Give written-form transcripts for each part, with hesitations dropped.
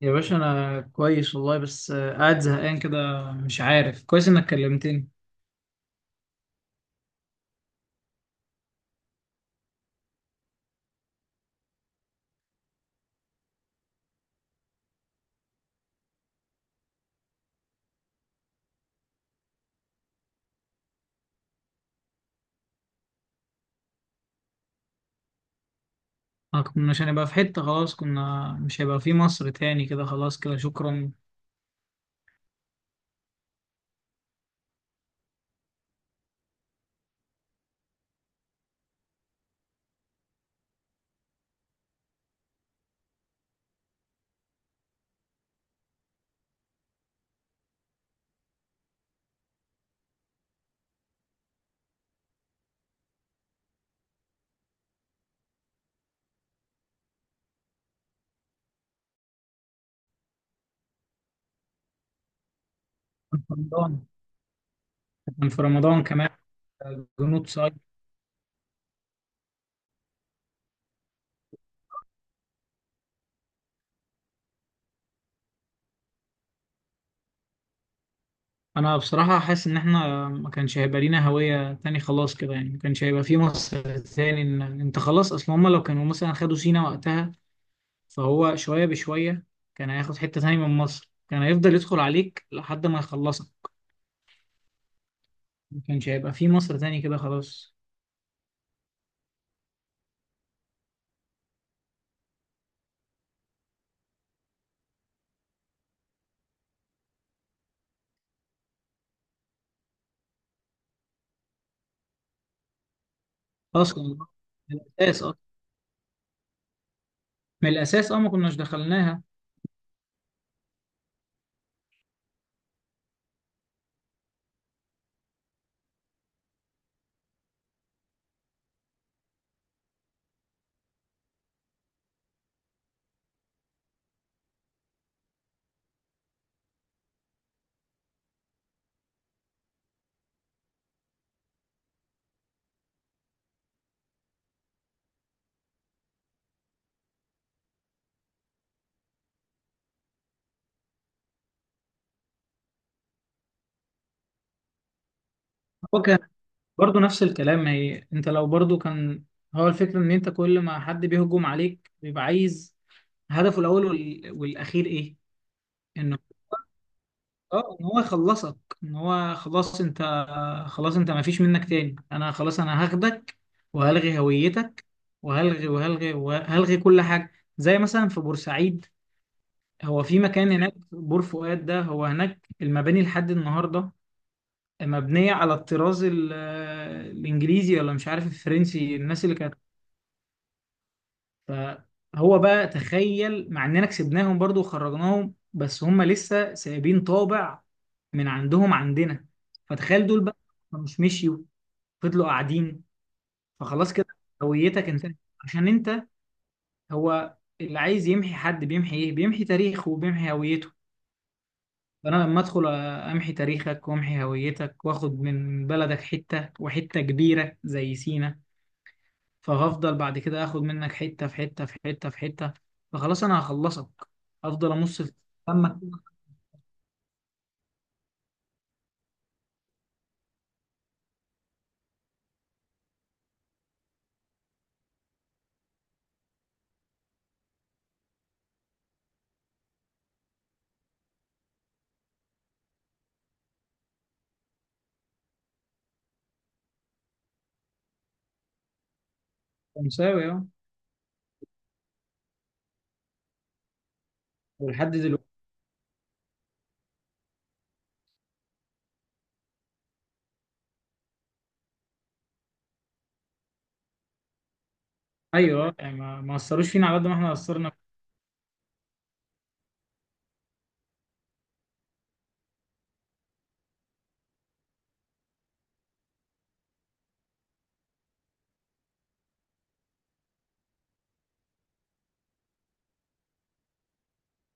يا باشا انا كويس والله، بس قاعد زهقان كده. مش عارف كويس انك كلمتني. انا كنا مش هنبقى في حتة، خلاص كنا مش هيبقى في مصر تاني كده، خلاص كده شكرا. كان في رمضان، كان في رمضان كمان. جنوب صعيد. انا بصراحة حاسس ان احنا ما كانش هيبقى لينا هوية تاني، خلاص كده يعني ما كانش هيبقى في مصر تاني. انت خلاص اصلا هما لو كانوا مثلا خدوا سينا وقتها، فهو شوية بشوية كان هياخد حتة تاني من مصر، كان هيفضل يدخل عليك لحد ما يخلصك. ما كانش هيبقى في مصر تاني كده خلاص. اصلا من الاساس، اصلا من الاساس اه ما كناش دخلناها. هو كان برضه نفس الكلام، ما هي انت لو برضه كان. هو الفكره ان انت كل ما حد بيهجم عليك بيبقى عايز هدفه الاول والاخير ايه؟ انه اه ان هو يخلصك، ان هو خلاص انت، خلاص انت ما فيش منك تاني، انا خلاص انا هاخدك وهلغي هويتك، وهلغي وهلغي وهلغي كل حاجه. زي مثلا في بورسعيد، هو في مكان هناك بور فؤاد ده، هو هناك المباني لحد النهارده مبنية على الطراز الإنجليزي، ولا مش عارف الفرنسي، الناس اللي كانت. فهو بقى تخيل، مع إننا كسبناهم برضو وخرجناهم، بس هم لسه سايبين طابع من عندهم عندنا. فتخيل دول بقى مش مشيوا، فضلوا قاعدين، فخلاص كده هويتك انتهت. عشان انت، هو اللي عايز يمحي حد بيمحي ايه؟ بيمحي تاريخه وبيمحي هويته. فانا لما ادخل امحي تاريخك وامحي هويتك، واخد من بلدك حته، وحته كبيره زي سينا، فهفضل بعد كده اخد منك حته في حته في حته في حته، فخلاص انا هخلصك، افضل امص في فمك. مساوي اه. ولحد دلوقتي ايوه، يعني ما اثروش فينا على قد ما احنا اثرنا.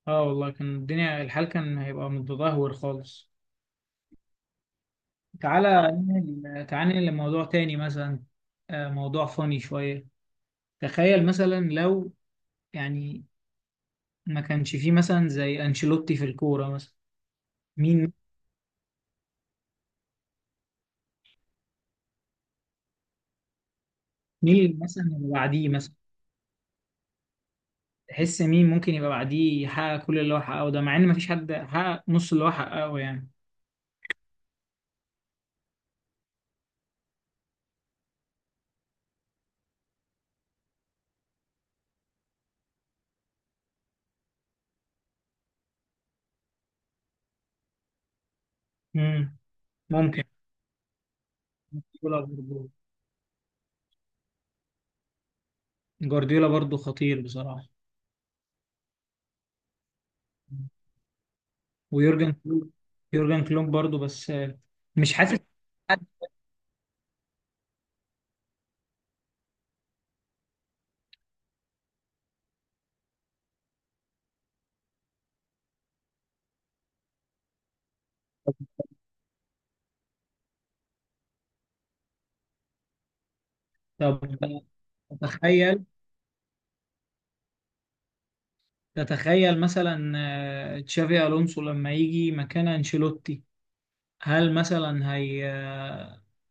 اه والله كان الدنيا الحال كان هيبقى متدهور خالص. تعالى ننقل لموضوع تاني مثلا، موضوع فاني شويه. تخيل مثلا لو يعني ما كانش فيه مثلا زي انشيلوتي في الكوره مثلا. مين؟ مين مثلا اللي بعديه مثلا؟ تحس مين ممكن يبقى بعديه يحقق كل اللي هو حققه ده، مع ان ما فيش حد حقق نص اللي هو حققه يعني. امم ممكن. جوارديولا برضه، جوارديولا برضه خطير بصراحه. ويورجن كلوب، يورجن كلوب برضه، بس مش حاسس حد. طب تتخيل، تتخيل مثلا تشافي الونسو لما يجي مكان انشيلوتي، هل مثلا هي،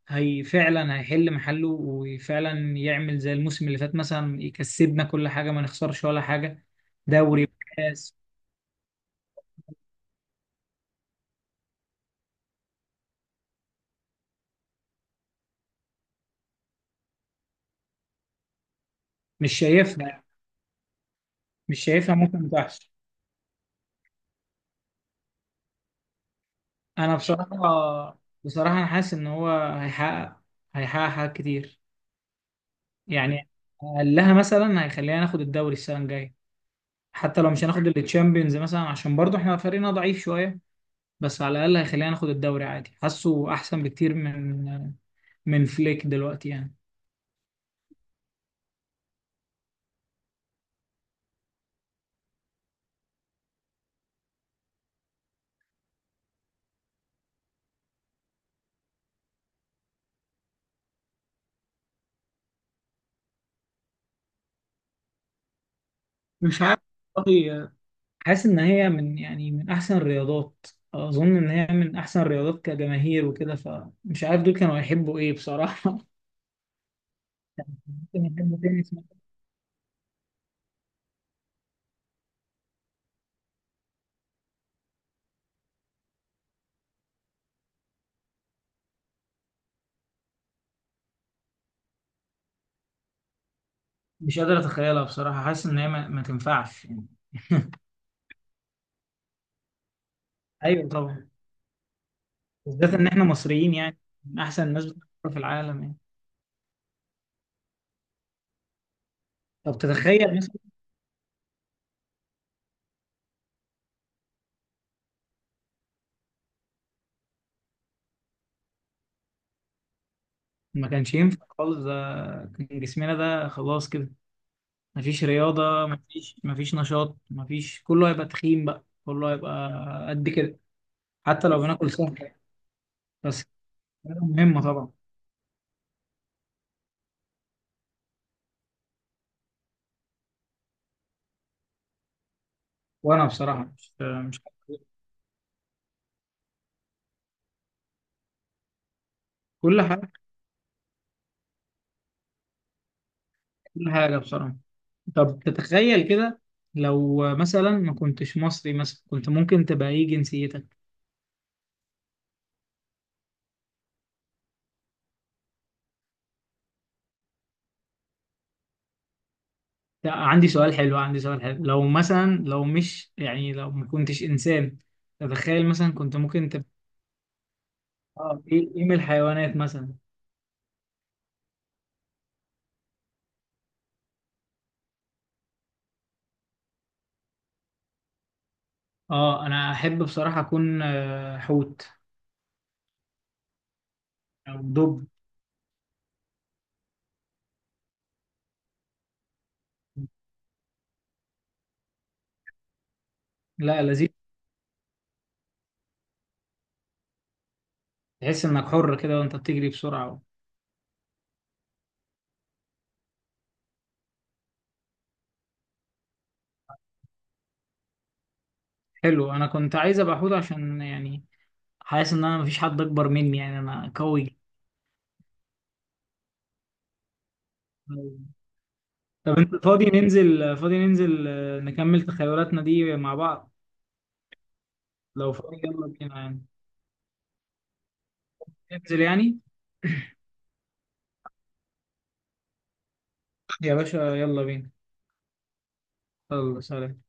هي فعلا هيحل محله وفعلا يعمل زي الموسم اللي فات مثلا، يكسبنا كل حاجة ما نخسرش ولا حاجة، دوري وكاس؟ مش شايفها، مش شايفها ممكن تحصل. انا بصراحة، بصراحة انا حاسس ان هو هيحقق، هيحقق حاجات كتير يعني. قال لها مثلا هيخلينا ناخد الدوري السنة الجاية، حتى لو مش هناخد التشامبيونز مثلا عشان برضو احنا فريقنا ضعيف شوية، بس على الأقل هيخلينا ناخد الدوري عادي. حاسه أحسن بكتير من من فليك دلوقتي يعني. مش عارف والله، حاسس ان هي من يعني من احسن الرياضات. اظن ان هي من احسن الرياضات كجماهير وكده، فمش عارف دول كانوا هيحبوا ايه بصراحه. ممكن يحبوا تنس مثلاً. مش قادر اتخيلها بصراحه، حاسس ان هي ما تنفعش يعني. ايوه طبعا، بالذات ان احنا مصريين يعني، من احسن الناس بتلعب في العالم يعني. طب تتخيل مثلا، ما كانش ينفع خالص ده. كان جسمنا ده خلاص كده، مفيش رياضة، مفيش نشاط، مفيش، كله هيبقى تخين بقى، كله هيبقى قد كده. حتى لو بناكل صحي، بس الحاجة مهمة طبعا. وأنا بصراحة مش كل حاجة، كل حاجة بصراحة. طب تتخيل كده، لو مثلا ما كنتش مصري مثلا، كنت ممكن تبقى ايه جنسيتك؟ لا، عندي سؤال حلو، عندي سؤال حلو. لو مثلا، لو مش يعني لو ما كنتش إنسان، تتخيل مثلا كنت ممكن تبقى اه ايه، ايه من الحيوانات مثلا؟ اه انا احب بصراحة اكون حوت، أو دب. لا لذيذ، تحس إنك حر كده وأنت بتجري بسرعة. حلو، أنا كنت عايز أبقى حوت عشان يعني، حاسس إن أنا مفيش حد أكبر مني، يعني أنا قوي جداً. طب أنت فاضي ننزل، فاضي ننزل نكمل تخيلاتنا دي مع بعض؟ لو فاضي يلا بينا يعني، ننزل يعني. يا باشا يلا بينا، يلا سلام.